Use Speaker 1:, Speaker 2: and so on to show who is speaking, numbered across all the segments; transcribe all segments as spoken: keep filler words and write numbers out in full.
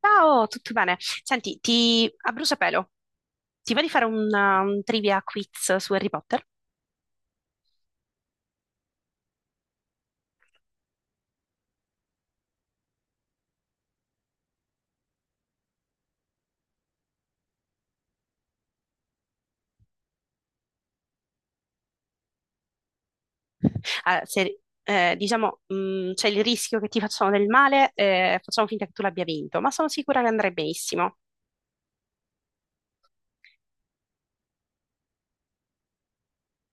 Speaker 1: Ciao, tutto bene? Senti, ti, a bruciapelo, ti va di fare un, uh, un trivia quiz su Harry Potter? Ah, se- eh, diciamo, mh, c'è il rischio che ti facciano del male, eh, facciamo finta che tu l'abbia vinto, ma sono sicura che andrai benissimo.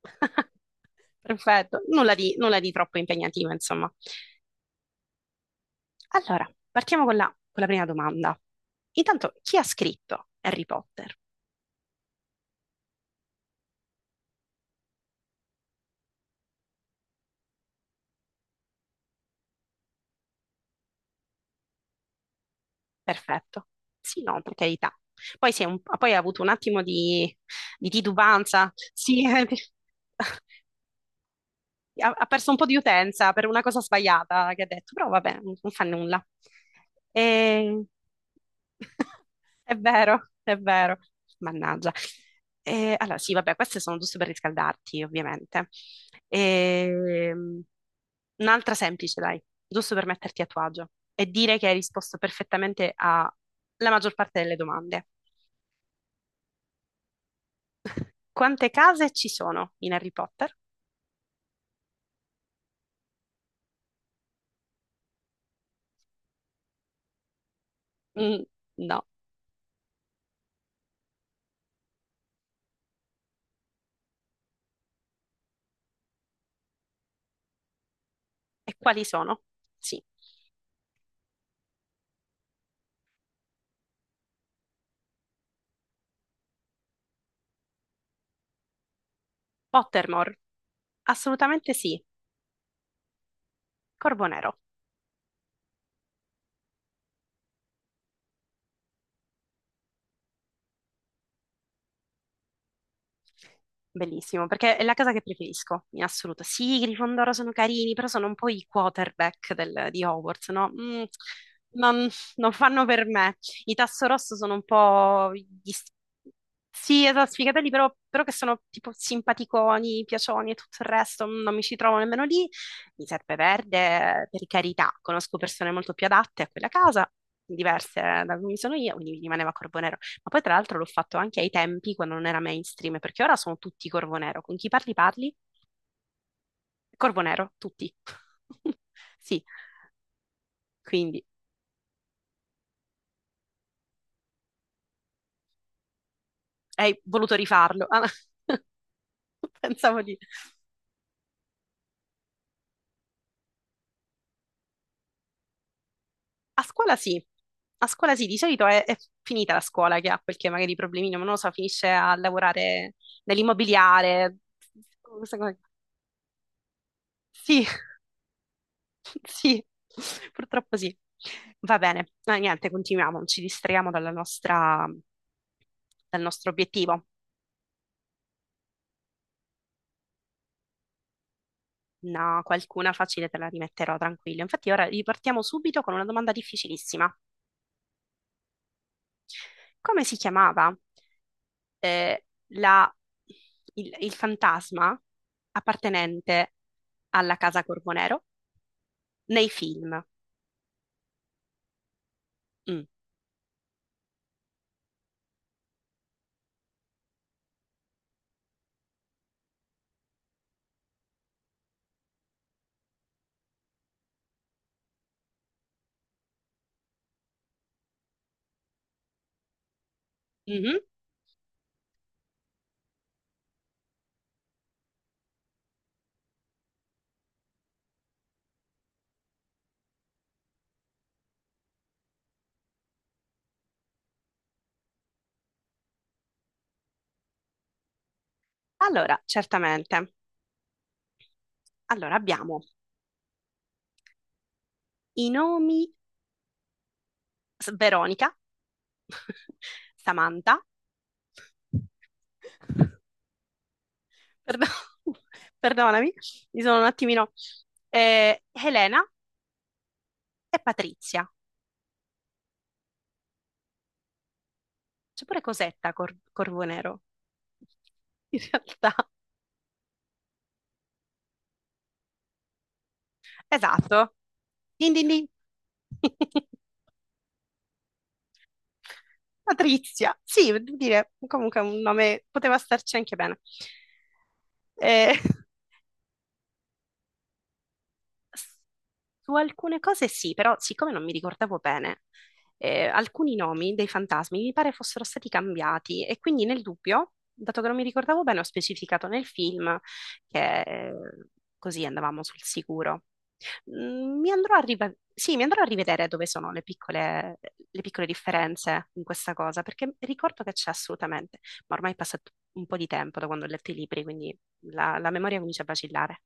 Speaker 1: Perfetto, nulla di, nulla di troppo impegnativo, insomma. Allora, partiamo con la, con la prima domanda. Intanto, chi ha scritto Harry Potter? Perfetto. Sì, no, per carità. Poi, sei un- poi hai avuto un attimo di, di titubanza. Sì, eh, ha, ha perso un po' di utenza per una cosa sbagliata che ha detto, però vabbè, non non fa nulla. E... È vero, è vero. Mannaggia. E, allora, sì, vabbè, queste sono giuste per riscaldarti, ovviamente. Ehm, Un'altra semplice, dai, giusto per metterti a tuo agio e dire che hai risposto perfettamente alla maggior parte delle domande. Quante case ci sono in Harry Potter? Mm, no. E quali sono? Sì. Pottermore? Assolutamente sì. Corvo Nero. Bellissimo, perché è la casa che preferisco, in assoluto. Sì, i Grifondoro sono carini, però sono un po' i quarterback del- di Hogwarts, no? Mm, non, non fanno per me. I Tasso Rosso sono un po' gli s- sì, esatto, sfigatelli, però, però che sono tipo simpaticoni, piacioni e tutto il resto, mm, non mi ci trovo nemmeno lì. Mi serve verde, per carità, conosco persone molto più adatte a quella casa, diverse da come sono io, quindi mi rimaneva ma poi tra l'altro l'ho fatto anche ai tempi quando non era mainstream, perché ora sono tutti Corvo Nero. Con chi parli parli? Corvo Nero, tutti. Sì, quindi hai voluto rifarlo. Ah, no, pensavo di... A scuola sì, a scuola sì, di solito è, è finita la scuola che ha qualche magari problemino, ma non lo so, finisce a lavorare nell'immobiliare. Questa cosa- Sì, sì, purtroppo sì. Va bene, no, niente, continuiamo, non ci distraiamo dalla nostra, dal nostro obiettivo. No, qualcuna facile te la rimetterò tranquillo. Infatti, ora ripartiamo subito con una domanda difficilissima. Come si chiamava eh, la- il, il fantasma appartenente alla casa Corvonero nei film? Mm. Mhm. Allora, certamente. Allora, abbiamo i nomi S- Veronica, Samantha, perdo- perdonami, mi sono un attimino, eh, Elena e Patrizia. C'è pure Cosetta, Cor- Corvo Nero, in realtà. Esatto. Din din din. Patrizia, sì, devo dire, comunque è un nome poteva starci anche bene. Eh, su alcune cose sì, però siccome non mi ricordavo bene, eh, alcuni nomi dei fantasmi mi pare fossero stati cambiati e quindi nel dubbio, dato che non mi ricordavo bene, ho specificato nel film che eh, così andavamo sul sicuro. Mm, mi andrò a rive- sì, mi andrò a rivedere dove sono le piccole, le piccole differenze in questa cosa, perché ricordo che c'è assolutamente, ma ormai è passato un po' di tempo da quando ho letto i libri, quindi la la memoria comincia a vacillare.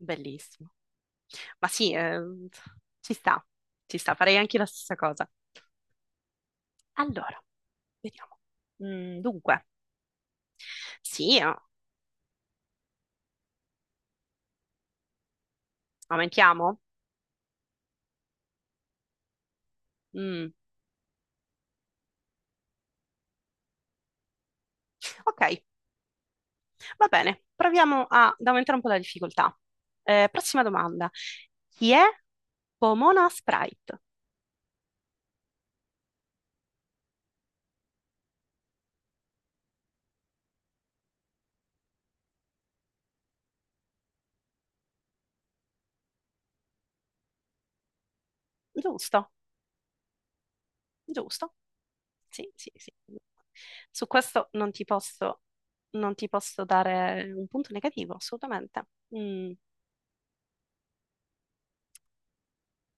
Speaker 1: Bellissimo. Ma sì, eh, ci sta, ci sta, farei anche la stessa cosa. Allora, vediamo. Mm, dunque, sì, eh, aumentiamo? Mm, ok, va bene, proviamo a- ad aumentare un po' la difficoltà. Eh, prossima domanda. Chi è Pomona Sprite? Giusto, giusto. Sì, sì, sì. Su questo non ti posso, non ti posso dare un punto negativo, assolutamente. Mm.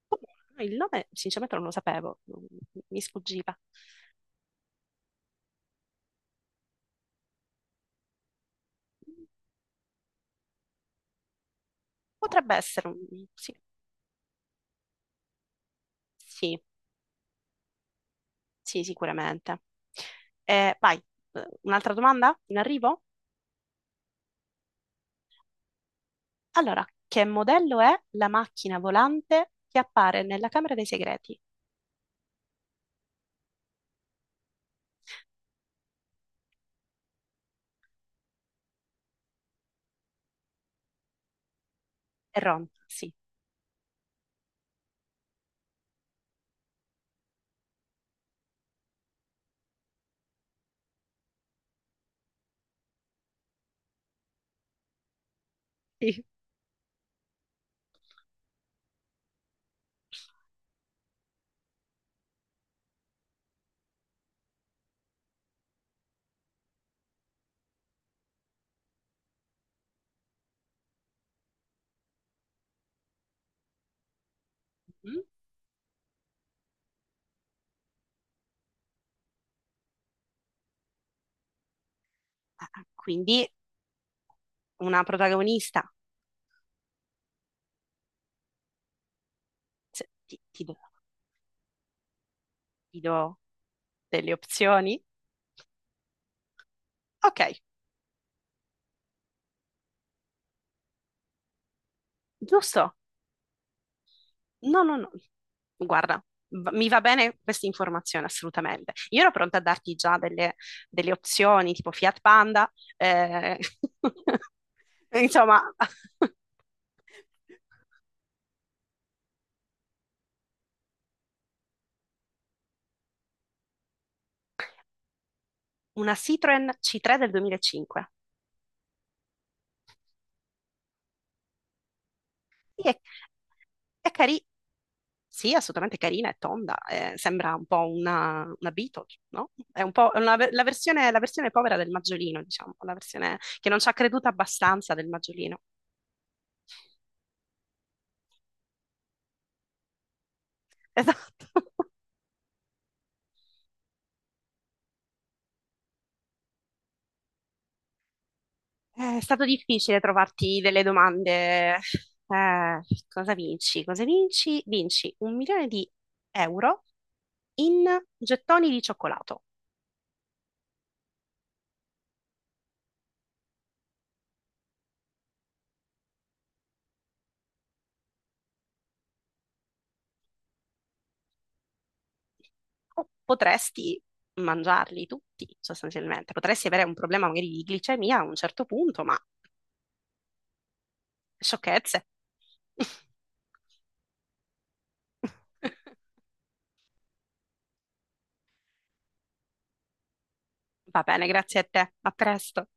Speaker 1: Comunque, il nome sinceramente non lo sapevo, non- mi sfuggiva. Potrebbe essere, un- sì, sì, sì, sicuramente. Eh, vai, eh, un'altra domanda in arrivo? Allora, che modello è la macchina volante che appare nella Camera dei Segreti? È Ron, sì. Sì. Mm? Ah, quindi una protagonista. Se- Ti, ti do, ti do delle opzioni? Ok, giusto. No, no, no. Guarda, va- mi va bene questa informazione assolutamente. Io ero pronta a darti già delle, delle opzioni tipo Fiat Panda, eh, insomma, una Citroen C tre del duemilacinque. Sì, è, è cari- sì, è assolutamente carina, è tonda, eh, sembra un po' una, una Beetle, no? È un po' una ve- la versione, la versione povera del Maggiolino, diciamo, la versione che non ci ha creduto abbastanza del Maggiolino. Esatto. Eh, è stato difficile trovarti delle domande. Eh, cosa vinci? Cosa vinci? Vinci un milione di euro in gettoni di cioccolato. O potresti mangiarli tutti, sostanzialmente. Potresti avere un problema magari di glicemia a un certo punto, ma sciocchezze. Va bene, grazie a te. A presto.